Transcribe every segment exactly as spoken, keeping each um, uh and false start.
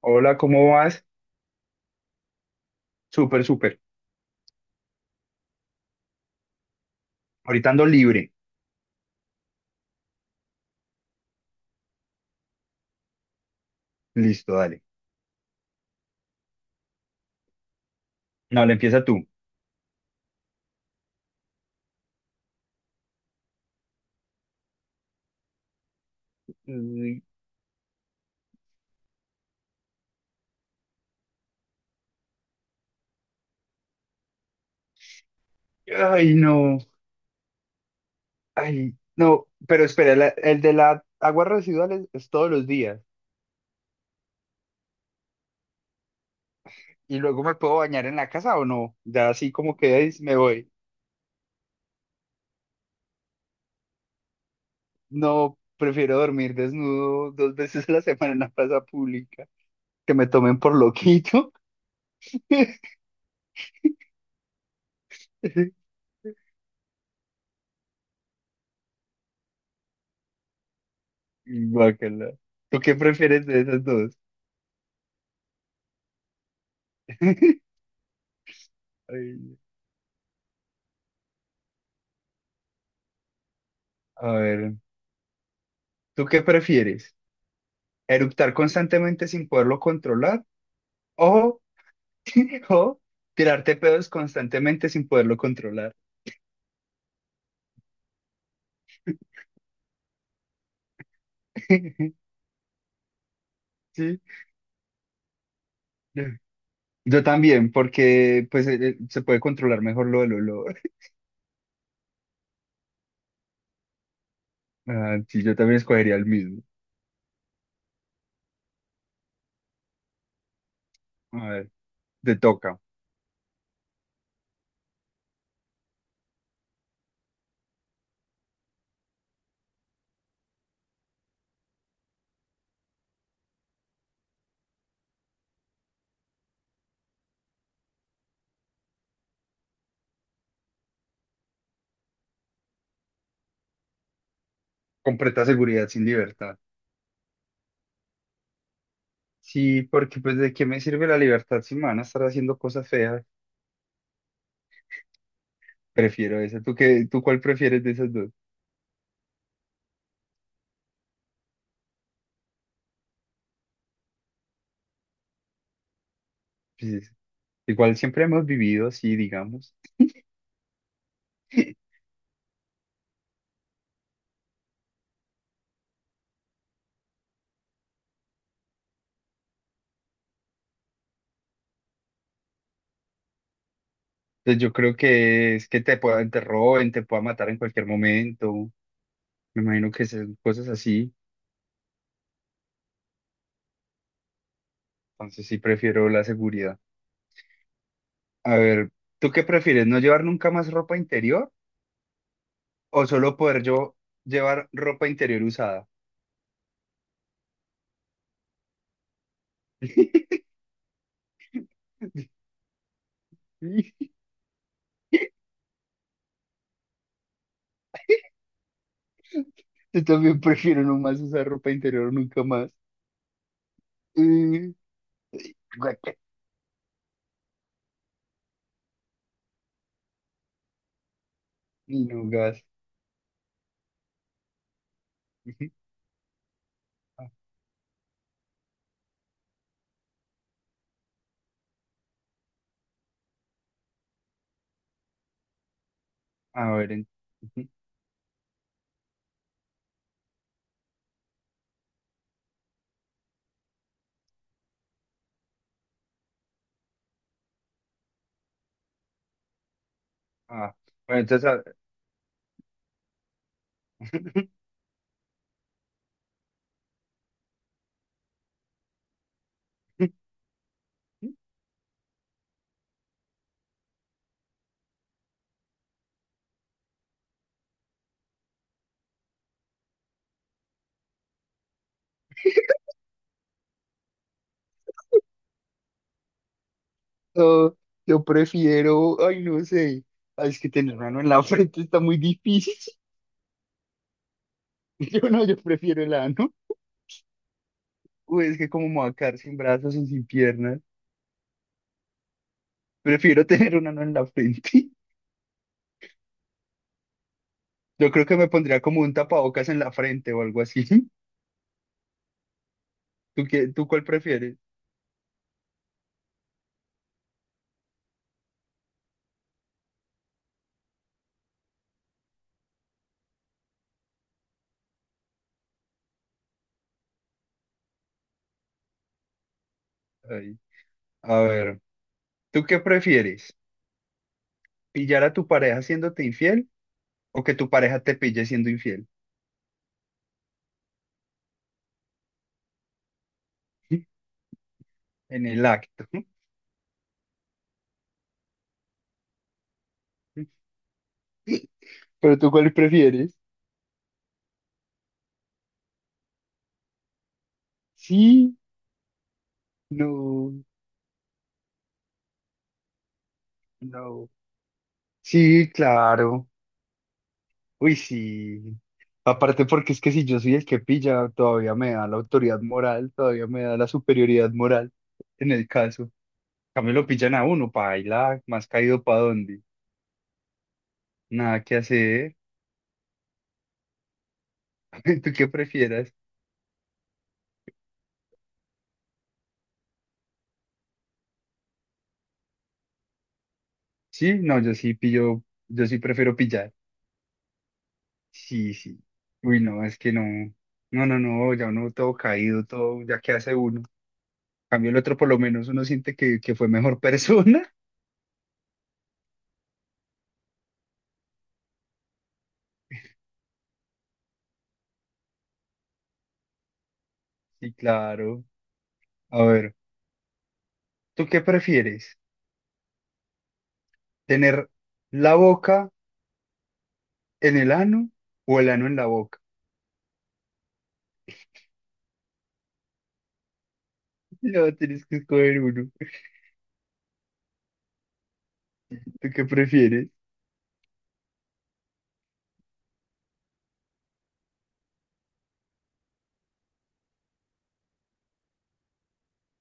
Hola, ¿cómo vas? Súper, súper. Ahorita ando libre. Listo, dale. No, le empieza tú. Ay, ay, no. Ay, no. Pero espera, la- el de las aguas residuales es todos los días. ¿Y luego me puedo bañar en la casa o no? Ya así como quedáis, me voy. No, prefiero dormir desnudo dos veces a la semana en la plaza pública. Que me tomen por loquito. Guácala. ¿Tú qué prefieres de esas dos? Ay, a ver, ¿tú qué prefieres? Eructar constantemente sin poderlo controlar o, o tirarte pedos constantemente sin poderlo controlar. Sí. Yo también, porque pues eh, eh, se puede controlar mejor lo del olor. Ah, sí, yo también escogería el mismo. A ver, te toca. Completa seguridad sin libertad. Sí, porque pues ¿de qué me sirve la libertad si me van a estar haciendo cosas feas? Prefiero esa. ¿Tú qué, tú cuál prefieres de esas dos? Pues, esa. Igual siempre hemos vivido así, digamos. Entonces yo creo que es que te puedan, te roben, te puedan matar en cualquier momento. Me imagino que son cosas así. Entonces sí prefiero la seguridad. A ver, ¿tú qué prefieres? ¿No llevar nunca más ropa interior o solo poder yo llevar ropa interior usada? Yo también prefiero no más usar ropa interior nunca más. Eh, guaca, y no gas. A ver, en- ah, bueno, entonces a- No, yo prefiero, ay, no sé, ay, es que tener una ano en la frente está muy difícil. Yo no, yo prefiero el ano. O es que como me voy a quedar sin brazos y sin piernas, prefiero tener un ano en la frente. Yo creo que me pondría como un tapabocas en la frente o algo así. ¿Tú qué, tú cuál prefieres? Ay, a ver, ¿tú qué prefieres? ¿Pillar a tu pareja siéndote infiel o que tu pareja te pille siendo infiel en el acto? ¿Pero tú cuál prefieres? Sí, no. No. Sí, claro. Uy, sí. Aparte porque es que si yo soy el que pilla, todavía me da la autoridad moral, todavía me da la superioridad moral en el caso. También lo pillan a uno, paila, más caído para dónde. Nada que hacer. ¿Tú qué prefieras? Sí, no, yo sí pillo, yo sí prefiero pillar. Sí, sí. Uy, no, es que no. No, no, no, ya uno todo caído, todo, ya qué hace uno. Cambio el otro, por lo menos uno siente que, que fue mejor persona. Sí, claro. A ver, ¿tú qué prefieres? ¿Tener la boca en el ano o el ano en la boca? No, tienes que escoger uno. ¿Tú qué prefieres?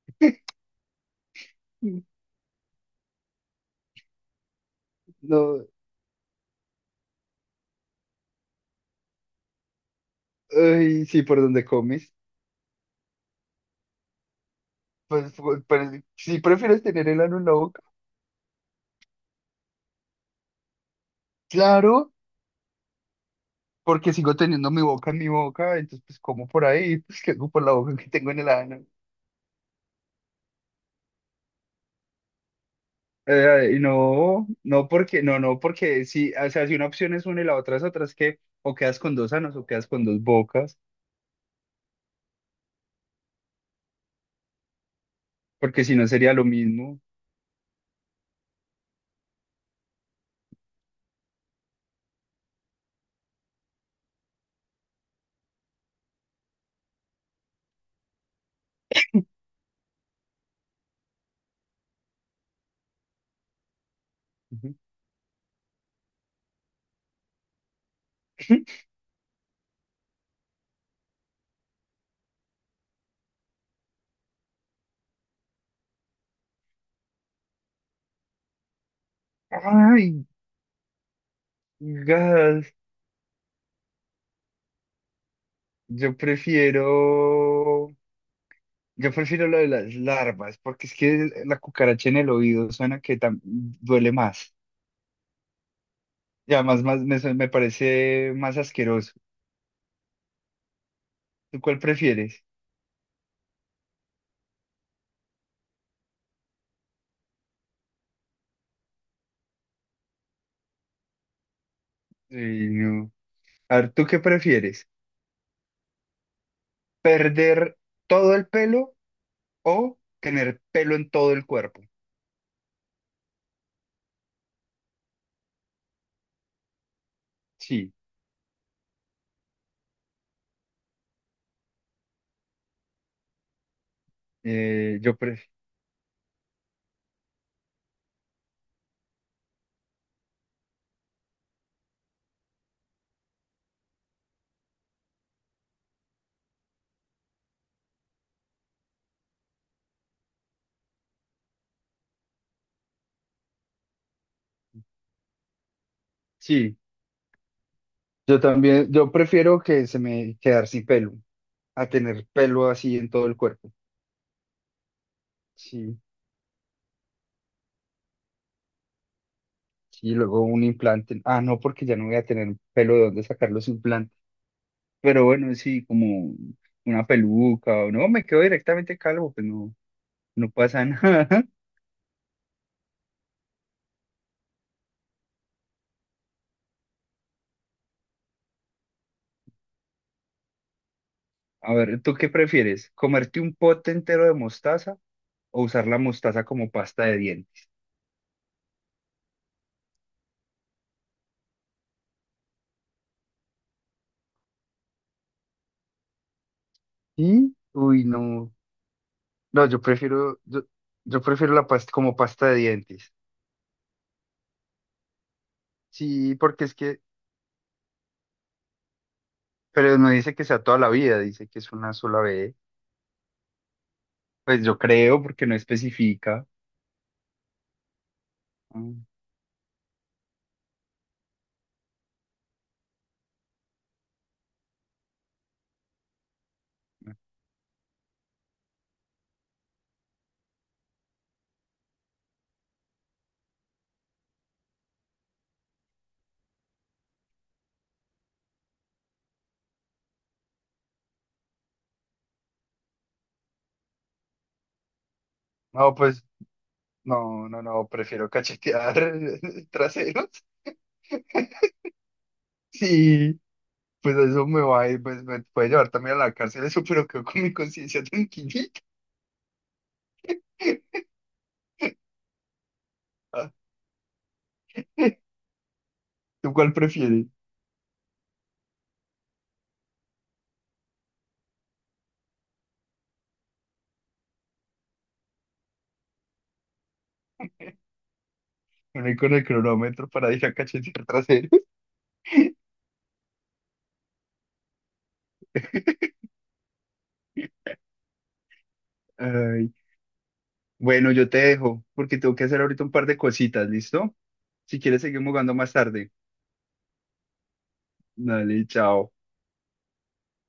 No, ay, sí, por donde comes. Pues, pues, pues, si prefieres tener el ano en la boca, claro, porque sigo teniendo mi boca en mi boca, entonces pues como por ahí, pues que hago por la boca que tengo en el ano. Eh, y no, no porque, no, no porque si, o sea, si una opción es una y la otra es otra, es que o quedas con dos anos o quedas con dos bocas. Porque si no sería lo mismo. Ujú. Ay, gas. Yo prefiero, yo prefiero lo de las larvas, porque es que la cucaracha en el oído suena que tam- duele más. Y además más, me, su- me parece más asqueroso. ¿Tú cuál prefieres? Ay, no. A ver, ¿tú qué prefieres? ¿Perder todo el pelo o tener pelo en todo el cuerpo? Sí, eh, yo pre- sí, yo también, yo prefiero que se me quedar sin pelo a tener pelo así en todo el cuerpo. Sí, sí, luego un implante. Ah, no, porque ya no voy a tener pelo de dónde sacar los implantes. Pero bueno, sí, como una peluca o no, me quedo directamente calvo, pues no, no pasa nada. A ver, ¿tú qué prefieres? ¿Comerte un pote entero de mostaza o usar la mostaza como pasta de dientes? ¿Sí? Uy, no. No, yo prefiero, yo, yo prefiero la pasta como pasta de dientes. Sí, porque es que, pero no dice que sea toda la vida, dice que es una sola vez. Pues yo creo porque no especifica. Mm. No, pues, no, no, no, prefiero cachetear traseros. Sí, pues eso me va a ir, pues me puede llevar también a la cárcel eso, pero quedo con mi conciencia tranquilita. Ah, ¿tú cuál prefieres? ¿Venir con el cronómetro para ir a cachetear traseros? Ay, bueno, yo te dejo porque tengo que hacer ahorita un par de cositas, ¿listo? Si quieres, seguimos jugando más tarde. Dale, chao.